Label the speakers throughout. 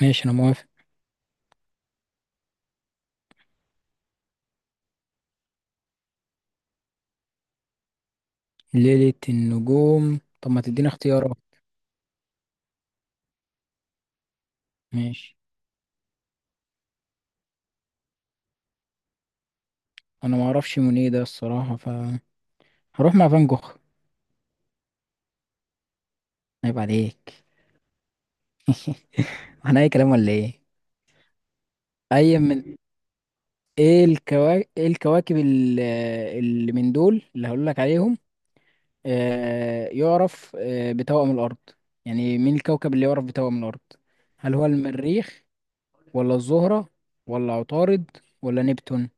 Speaker 1: ماشي، انا موافق. ليلة النجوم. طب ما تديني اختيارات. ماشي. انا ما اعرفش مونيه ده الصراحة، ف هروح مع فان جوخ. عيب عليك. احنا اي كلام ولا ايه؟ اي من ايه الكواكب اللي من دول اللي هقول لك عليهم. يعرف بتوأم الارض. يعني مين الكوكب اللي يعرف بتوأم الارض؟ هل هو المريخ، ولا الزهرة، ولا عطارد، ولا نبتون؟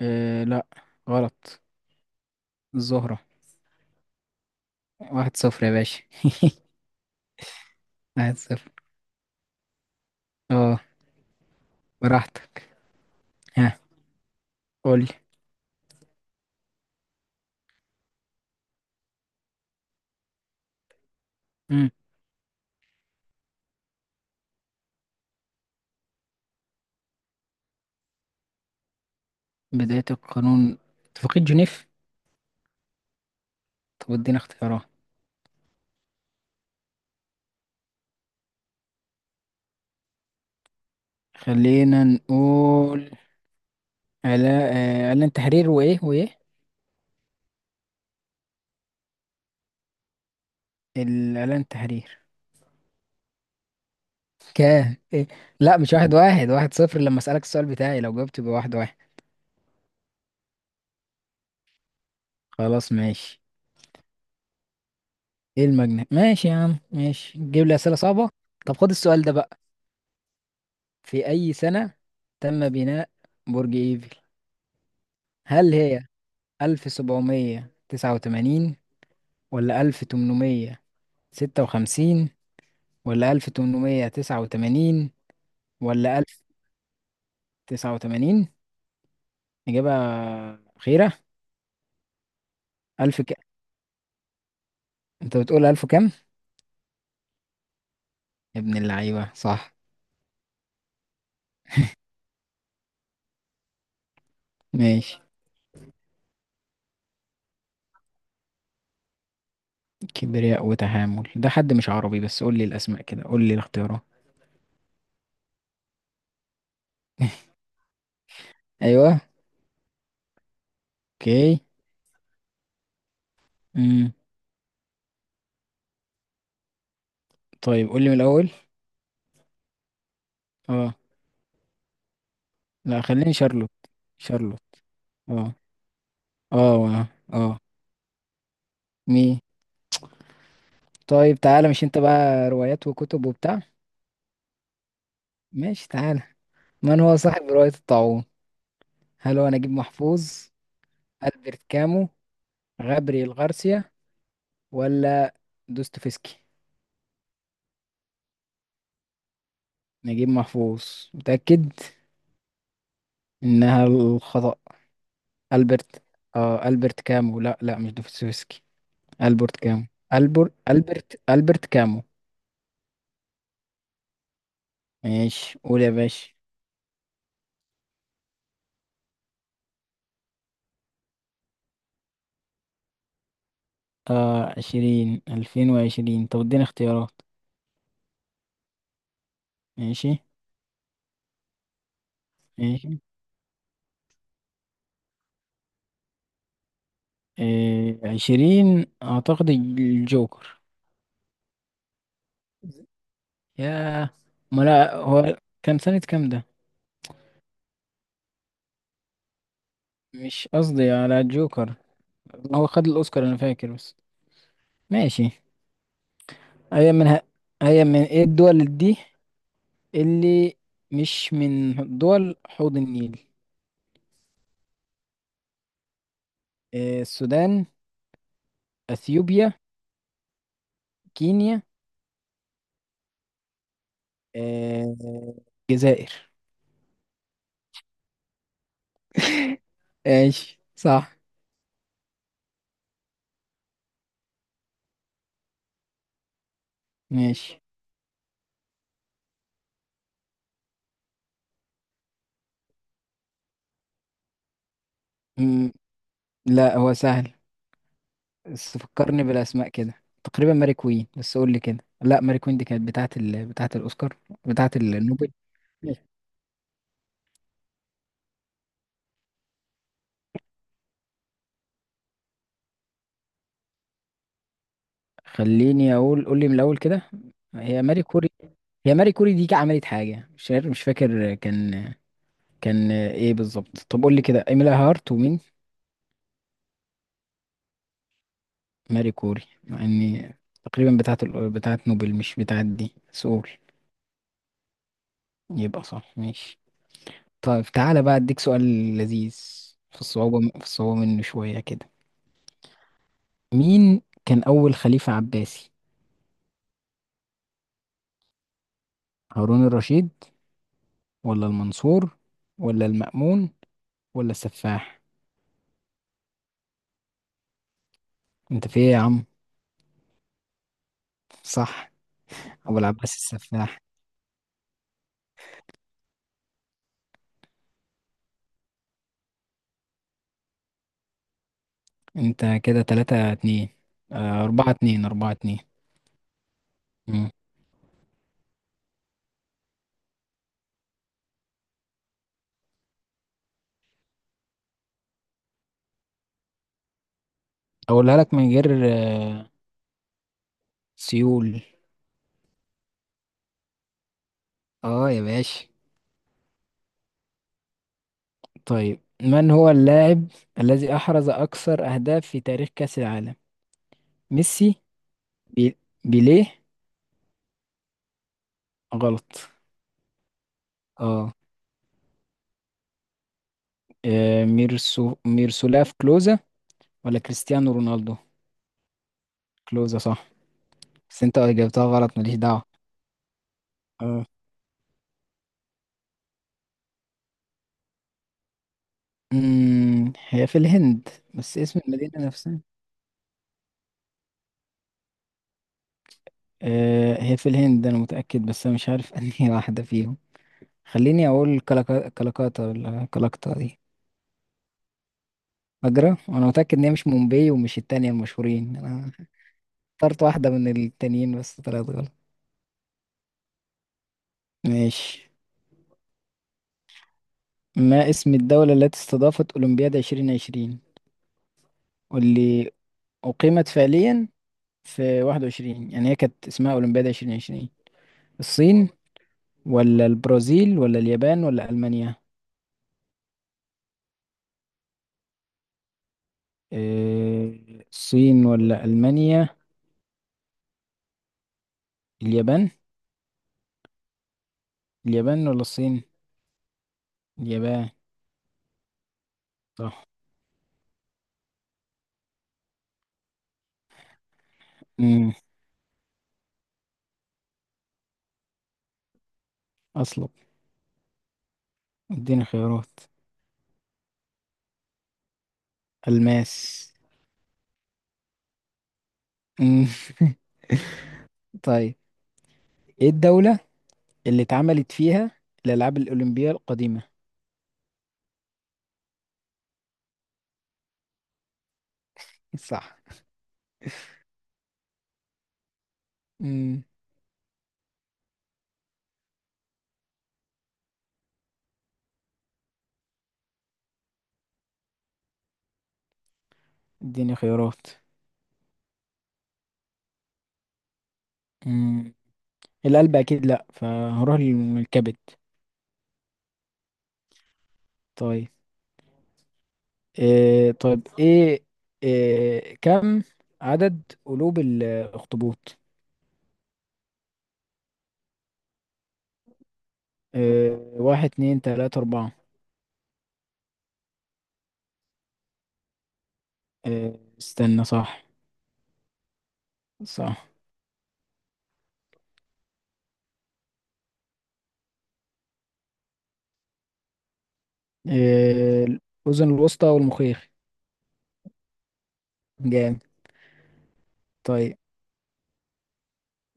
Speaker 1: آه، لا. غلط. الزهرة. واحد صفر يا باشا. واحد صفر. اه. براحتك. ها. قولي. مم. بداية القانون. اتفاقية جنيف. طب ادينا اختيارات. خلينا نقول على إعلان تحرير وإيه وإيه. الإعلان تحرير. كام إيه؟ لا، مش واحد واحد، واحد صفر. لما أسألك السؤال بتاعي لو جاوبت يبقى واحد واحد. خلاص ماشي. إيه المجنة، ماشي يا عم، ماشي. تجيب لي أسئلة صعبة. طب خد السؤال ده بقى. في أي سنة تم بناء برج إيفل؟ هل هي ألف سبعمية تسعة وتمانين، ولا ألف تمنمية ستة وخمسين، ولا ألف تمنمية تسعة وتمانين، ولا ألف تسعة وتمانين؟ إجابة أخيرة. ألف ك... أنت بتقول ألف كام؟ يا ابن اللعيبة صح. ماشي. كبرياء وتحامل ده حد مش عربي، بس قول لي الأسماء كده، قول لي الاختيارات. أيوه. أوكي. امم. طيب قول لي من الأول. أه. لا، خليني شارلوت. شارلوت. أه أه أه. آه. مي طيب تعالى، مش انت بقى روايات وكتب وبتاع. ماشي تعالى. من هو صاحب رواية الطاعون؟ هل هو نجيب محفوظ، ألبرت كامو، غابرييل غارسيا، ولا دوستويفسكي؟ نجيب محفوظ؟ متأكد؟ إنها الخطأ. ألبرت. آه، ألبرت كامو. لا لا، مش دوستويفسكي. ألبرت كامو. ألبرت ألبرت ألبرت كامو. ماشي قول يا باشا. ألفين وعشرين. طب اديني اختيارات. ماشي. ماشي. إيه عشرين أعتقد الجوكر. ياه. ما لا هو. كان سنة كام ده؟ مش قصدي على الجوكر. هو خد الأوسكار أنا فاكر بس. ماشي. هي من ه... هي من إيه الدول دي اللي مش من دول حوض النيل؟ إيه السودان؟ أثيوبيا؟ كينيا؟ إيه الجزائر. ماشي صح. ماشي. مم، لا هو سهل. بس فكرني بالاسماء كده. تقريبا ماري كوين، بس قول لي كده. لا، ماري كوين دي كانت بتاعه الاوسكار. بتاعه النوبل. خليني اقول. قول لي من الاول كده. هي ماري كوري. هي ماري كوري دي عملت حاجه مش عارف، مش فاكر كان ايه بالظبط. طب قول لي كده، ايميلا هارت ومين؟ ماري كوري، مع اني تقريبا بتاعه نوبل مش بتاعه دي، بس قول. يبقى صح. ماشي. طيب تعالى بقى اديك سؤال لذيذ في الصعوبه منه شويه كده. مين كان أول خليفة عباسي؟ هارون الرشيد، ولا المنصور، ولا المأمون، ولا السفاح؟ انت في ايه يا عم؟ صح. أبو العباس السفاح. انت كده تلاتة اتنين؟ آه، أربعة اتنين، أربعة اتنين. مم. أقولها لك من غير آه، سيول. اه يا باشا. طيب، من هو اللاعب الذي أحرز أكثر أهداف في تاريخ كأس العالم؟ ميسي؟ بي... بيليه. غلط. اه. ميرسولاف كلوزا، ولا كريستيانو رونالدو؟ كلوزة صح. بس انت جبتها غلط، ماليش دعوة. اه. هي في الهند، بس اسم المدينة نفسها. هي في الهند انا متأكد، بس انا مش عارف انهي واحدة فيهم. خليني اقول كلكاتا ولا كلكتا دي؟ فاكرة وانا متأكد ان هي مش مومباي ومش التانية المشهورين، انا اخترت واحدة من التانيين بس طلعت غلط. ماشي. ما اسم الدولة التي استضافت أولمبياد 2020، واللي أقيمت فعليا في 21؟ يعني هي كانت اسمها أولمبياد 2020. الصين، ولا البرازيل، ولا اليابان، ولا ألمانيا؟ آه، الصين ولا ألمانيا؟ اليابان. اليابان ولا الصين؟ اليابان. صح. امم. أصلب. اديني خيارات. الماس. مم. طيب، ايه الدولة اللي اتعملت فيها الألعاب الأولمبية القديمة؟ صح. امم. اديني خيارات. امم القلب أكيد لأ، فهروح للكبد. طيب. إيه طيب. ايه, إيه كم عدد قلوب الاخطبوط؟ إيه، واحد اتنين تلاتة اربعة؟ إيه استنى، صح؟ صح. إيه الاذن الوسطى والمخيخ. جامد. طيب.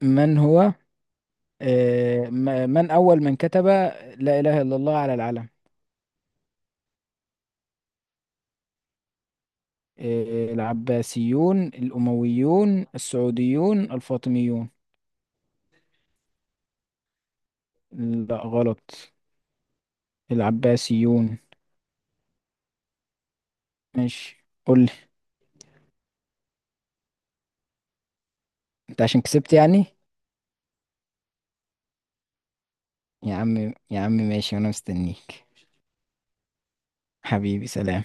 Speaker 1: من هو إيه م- من اول من كتب لا اله الا الله على العلم؟ إيه، العباسيون، الامويون، السعوديون، الفاطميون؟ لا غلط. العباسيون. ماشي قول لي. انت عشان كسبت يعني؟ يا عم يا عم، ماشي وانا مستنيك. حبيبي سلام.